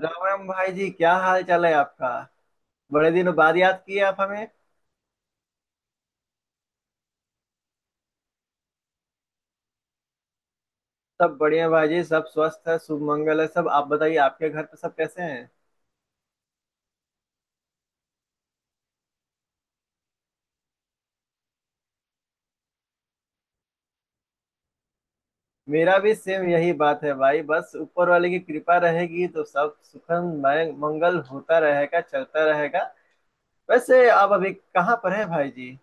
राम भाई जी, क्या हाल चाल है आपका? बड़े दिनों बाद याद किए आप हमें। सब बढ़िया भाई जी, सब स्वस्थ है, शुभ मंगल है सब। आप बताइए, आपके घर पे सब कैसे हैं? मेरा भी सेम यही बात है भाई, बस ऊपर वाले की कृपा रहेगी तो सब सुखम मंगल होता रहेगा, चलता रहेगा। वैसे आप अभी कहाँ पर हैं भाई जी?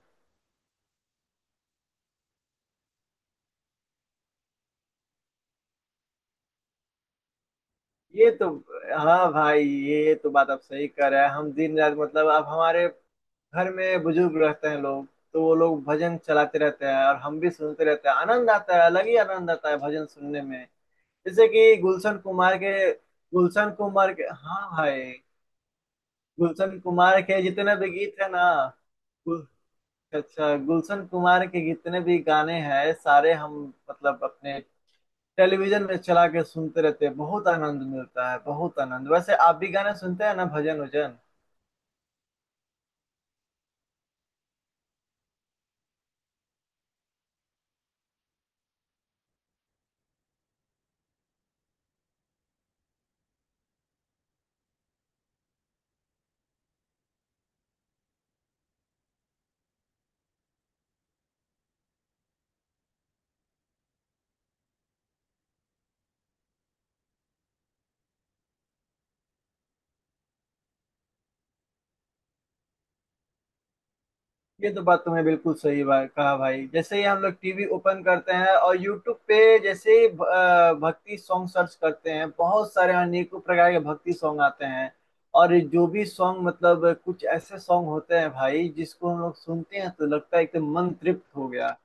ये तो हाँ भाई, ये तो बात आप सही कर रहे हैं। हम दिन रात, मतलब आप, हमारे घर में बुजुर्ग रहते हैं लोग, तो वो लोग भजन चलाते रहते हैं, और हम भी सुनते रहते हैं। आनंद आता है, अलग ही आनंद आता है भजन सुनने में। जैसे कि गुलशन कुमार के, हाँ भाई, गुलशन कुमार के जितने भी गीत है ना, गुल- अच्छा, गुलशन कुमार के जितने भी गाने हैं सारे, हम मतलब अपने टेलीविजन में चला के सुनते रहते हैं। बहुत आनंद मिलता है, बहुत आनंद। वैसे आप भी गाने सुनते हैं ना, भजन वजन? ये तो बात तुमने बिल्कुल सही बात कहा भाई। जैसे ही हम लोग टीवी ओपन करते हैं, और यूट्यूब पे जैसे ही भक्ति सॉन्ग सर्च करते हैं, बहुत सारे अनेकों प्रकार के भक्ति सॉन्ग आते हैं। और जो भी सॉन्ग, मतलब कुछ ऐसे सॉन्ग होते हैं भाई, जिसको हम लोग सुनते हैं तो लगता है एकदम मन तृप्त हो गया।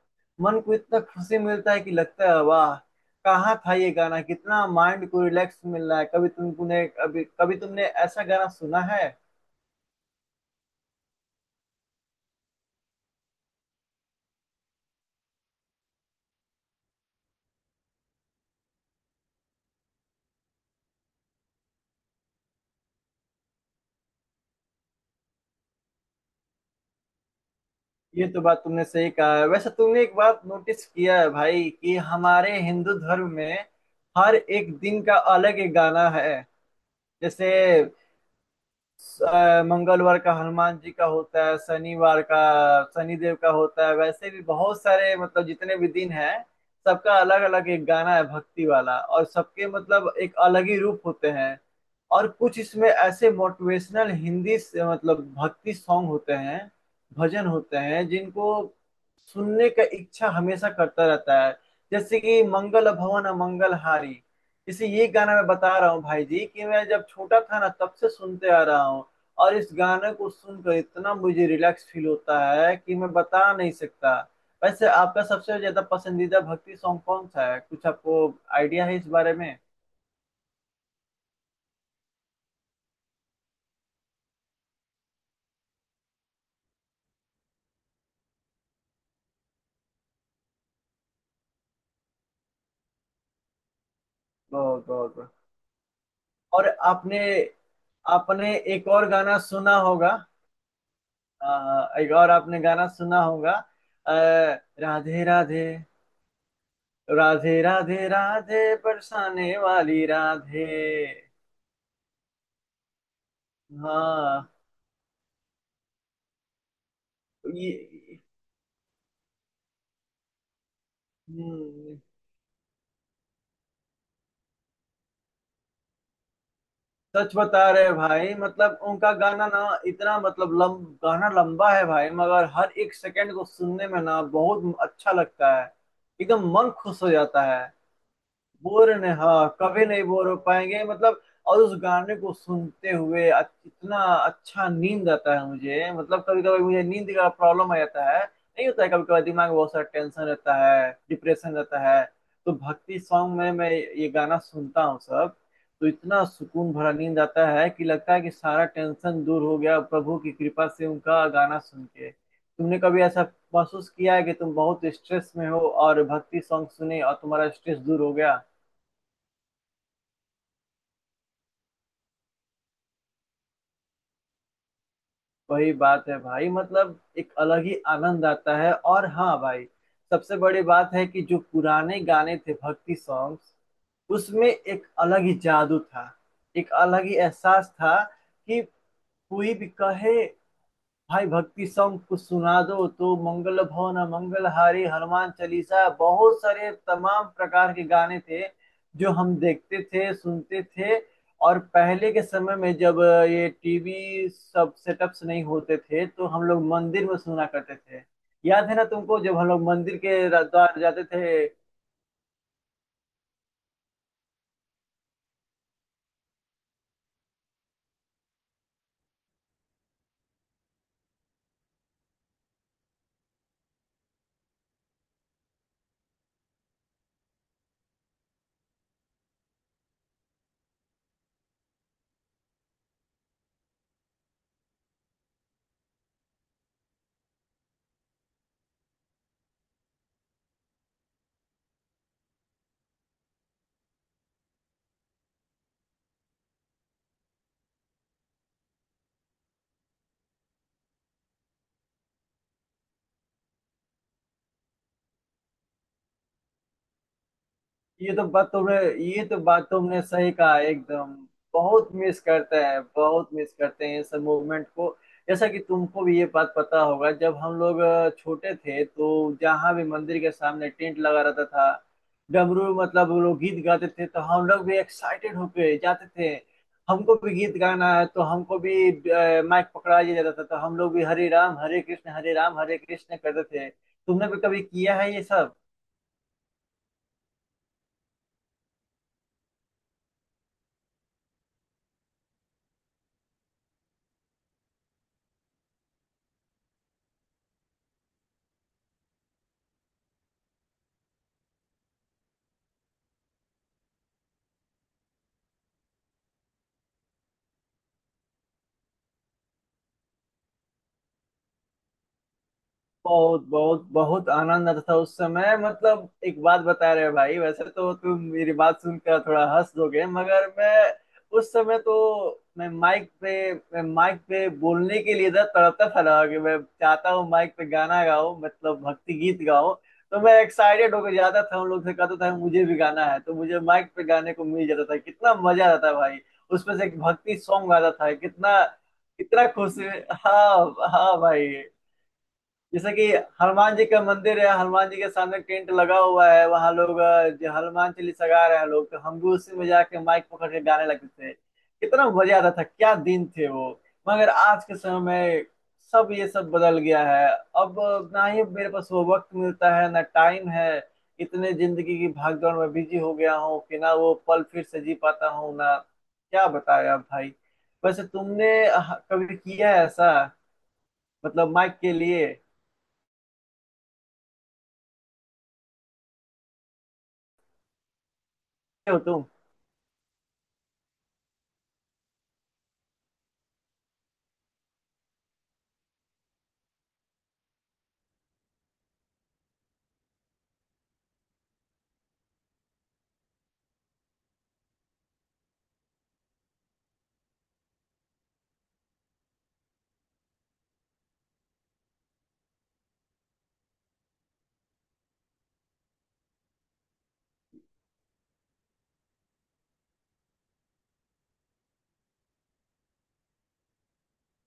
मन को इतना खुशी मिलता है कि लगता है वाह, कहाँ था ये गाना, कितना माइंड को रिलैक्स मिल रहा है। कभी कभी तुमने ऐसा गाना सुना है? ये तो बात तुमने सही कहा है। वैसे तुमने एक बात नोटिस किया है भाई, कि हमारे हिंदू धर्म में हर एक दिन का अलग एक गाना है। जैसे मंगलवार का हनुमान जी का होता है, शनिवार का शनिदेव का होता है। वैसे भी बहुत सारे, मतलब जितने भी दिन हैं सबका अलग अलग एक गाना है भक्ति वाला, और सबके मतलब एक अलग ही रूप होते हैं। और कुछ इसमें ऐसे मोटिवेशनल हिंदी से मतलब भक्ति सॉन्ग होते हैं, भजन होते हैं, जिनको सुनने का इच्छा हमेशा करता रहता है। जैसे कि मंगल भवन मंगलहारी, इसी, ये गाना मैं बता रहा हूँ भाई जी, कि मैं जब छोटा था ना तब से सुनते आ रहा हूँ। और इस गाने को सुनकर इतना मुझे रिलैक्स फील होता है कि मैं बता नहीं सकता। वैसे आपका सबसे ज्यादा पसंदीदा भक्ति सॉन्ग कौन सा है, कुछ आपको आइडिया है इस बारे में? बहुत बहुत बहुत। और आपने आपने एक और गाना सुना होगा। एक और आपने गाना सुना होगा। अ, राधे राधे, राधे राधे राधे बरसाने वाली राधे। हाँ। ये, हम्म, सच बता रहे हैं भाई, मतलब उनका गाना ना, इतना, मतलब गाना लंबा है भाई, मगर हर एक सेकंड को सुनने में ना बहुत अच्छा लगता है। एकदम मन खुश हो जाता है। बोर नहीं, हाँ, कभी नहीं बोर हो पाएंगे, मतलब। और उस गाने को सुनते हुए इतना अच्छा नींद आता है मुझे। मतलब कभी कभी मुझे नींद का प्रॉब्लम आ जाता है, नहीं होता है। कभी कभी दिमाग में बहुत सारा टेंशन रहता है, डिप्रेशन रहता है। तो भक्ति सॉन्ग में मैं ये गाना सुनता हूँ सब। तो इतना सुकून भरा नींद आता है कि लगता है कि सारा टेंशन दूर हो गया प्रभु की कृपा से, उनका गाना सुन के। तुमने कभी ऐसा महसूस किया है कि तुम बहुत स्ट्रेस में हो और भक्ति सॉन्ग सुने और तुम्हारा स्ट्रेस दूर हो गया? वही बात है भाई, मतलब एक अलग ही आनंद आता है। और हाँ भाई, सबसे बड़ी बात है कि जो पुराने गाने थे भक्ति सॉन्ग्स, उसमें एक अलग ही जादू था, एक अलग ही एहसास था, कि कोई भी कहे भाई भक्ति सॉन्ग कुछ सुना दो, तो मंगल भवन मंगलहारी, हनुमान चालीसा, बहुत सारे तमाम प्रकार के गाने थे, जो हम देखते थे, सुनते थे। और पहले के समय में जब ये टीवी, सब सेटअप्स नहीं होते थे, तो हम लोग मंदिर में सुना करते थे। याद है ना तुमको, जब हम लोग मंदिर के द्वार जाते थे? ये तो बात तुमने ये तो बात तुमने सही कहा एकदम। बहुत मिस करते हैं, बहुत मिस करते हैं इस मूवमेंट को। जैसा कि तुमको भी ये बात पता होगा, जब हम लोग छोटे थे, तो जहाँ भी मंदिर के सामने टेंट लगा रहता था, डमरू, मतलब वो लोग गीत गाते थे, तो हम लोग भी एक्साइटेड होके जाते थे। हमको भी गीत गाना है, तो हमको भी माइक पकड़ा दिया जाता था, तो हम लोग भी हरे राम हरे कृष्ण, हरे राम हरे कृष्ण करते थे। तुमने भी कभी किया है ये सब? बहुत बहुत बहुत आनंद आता था उस समय। मतलब एक बात बता रहे भाई, वैसे तो तुम मेरी बात सुनकर थोड़ा हंस दोगे, मगर मैं, उस समय तो मैं माइक पे बोलने के लिए इधर तड़पता था ना, कि मैं चाहता हूँ माइक पे गाना गाओ, मतलब भक्ति गीत गाओ। तो मैं एक्साइटेड होकर जाता था, उन लोग से कहता था मुझे भी गाना है, तो मुझे माइक पे गाने को मिल जाता था। कितना मजा आता था भाई! उसमें से एक भक्ति सॉन्ग आता था, कितना, कितना खुश। हाँ। हाँ भाई। जैसे कि हनुमान जी का मंदिर है, हनुमान जी के सामने टेंट लगा हुआ है, वहां लोग जो हनुमान चालीसा गा रहे हैं लोग, तो हम भी उसी में जाके माइक पकड़ के गाने लगते थे। कितना मजा आता था, क्या दिन थे वो! मगर आज के समय में सब, ये सब बदल गया है। अब, ना ही मेरे पास वो वक्त मिलता है, ना टाइम है। इतने जिंदगी की भागदौड़ में बिजी हो गया हूँ कि ना वो पल फिर से जी पाता हूँ ना, क्या बताएं आप भाई। वैसे तुमने कभी किया है ऐसा, मतलब माइक के लिए, हो तुम?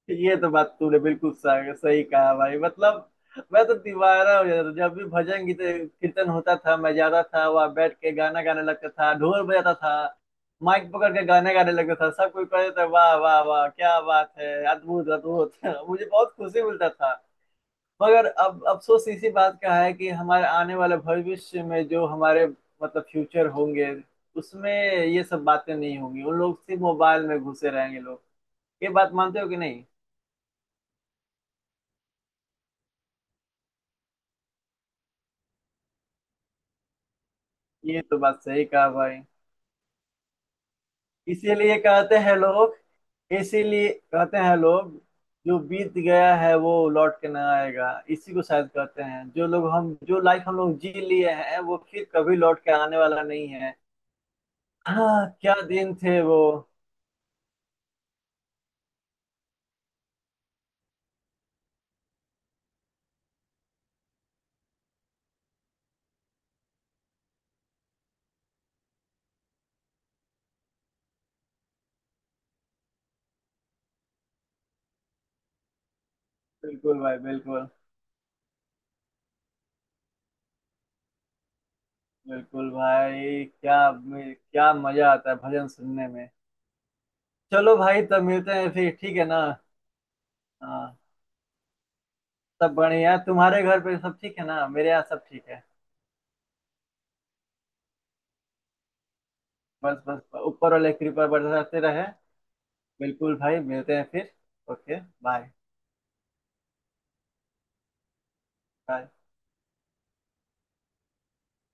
ये तो बात तूने बिल्कुल सही सही कहा भाई, मतलब मैं तो दीवाना हो जाता था, जब भी भजन गीत कीर्तन होता था, मैं जाता था, वहां बैठ के गाना गाने लगता था, ढोल बजाता था, माइक पकड़ के गाने गाने लगता था। सब कोई कहता था वाह वाह वाह, क्या बात है, अद्भुत अद्भुत मुझे बहुत खुशी मिलता था। मगर अब अफसोस इसी बात का है कि हमारे आने वाले भविष्य में, जो हमारे मतलब फ्यूचर होंगे, उसमें ये सब बातें नहीं होंगी, उन लोग सिर्फ मोबाइल में घुसे रहेंगे लोग। ये बात मानते हो कि नहीं? ये तो बात सही कहा भाई। इसीलिए कहते हैं लोग इसीलिए कहते हैं लोग, जो बीत गया है वो लौट के ना आएगा, इसी को शायद कहते हैं। जो लोग हम, जो लाइफ हम लोग जी लिए हैं, वो फिर कभी लौट के आने वाला नहीं है। हाँ, क्या दिन थे वो। बिल्कुल भाई, बिल्कुल। बिल्कुल भाई, क्या, क्या मजा आता है भजन सुनने में! चलो भाई, तब मिलते हैं फिर, ठीक है ना? हाँ। सब बढ़िया, तुम्हारे घर पे सब ठीक है ना? मेरे यहाँ सब ठीक है। बस बस, ऊपर वाले की कृपा बरसाते रहे। बिल्कुल भाई, मिलते हैं फिर। Okay bye. बाय।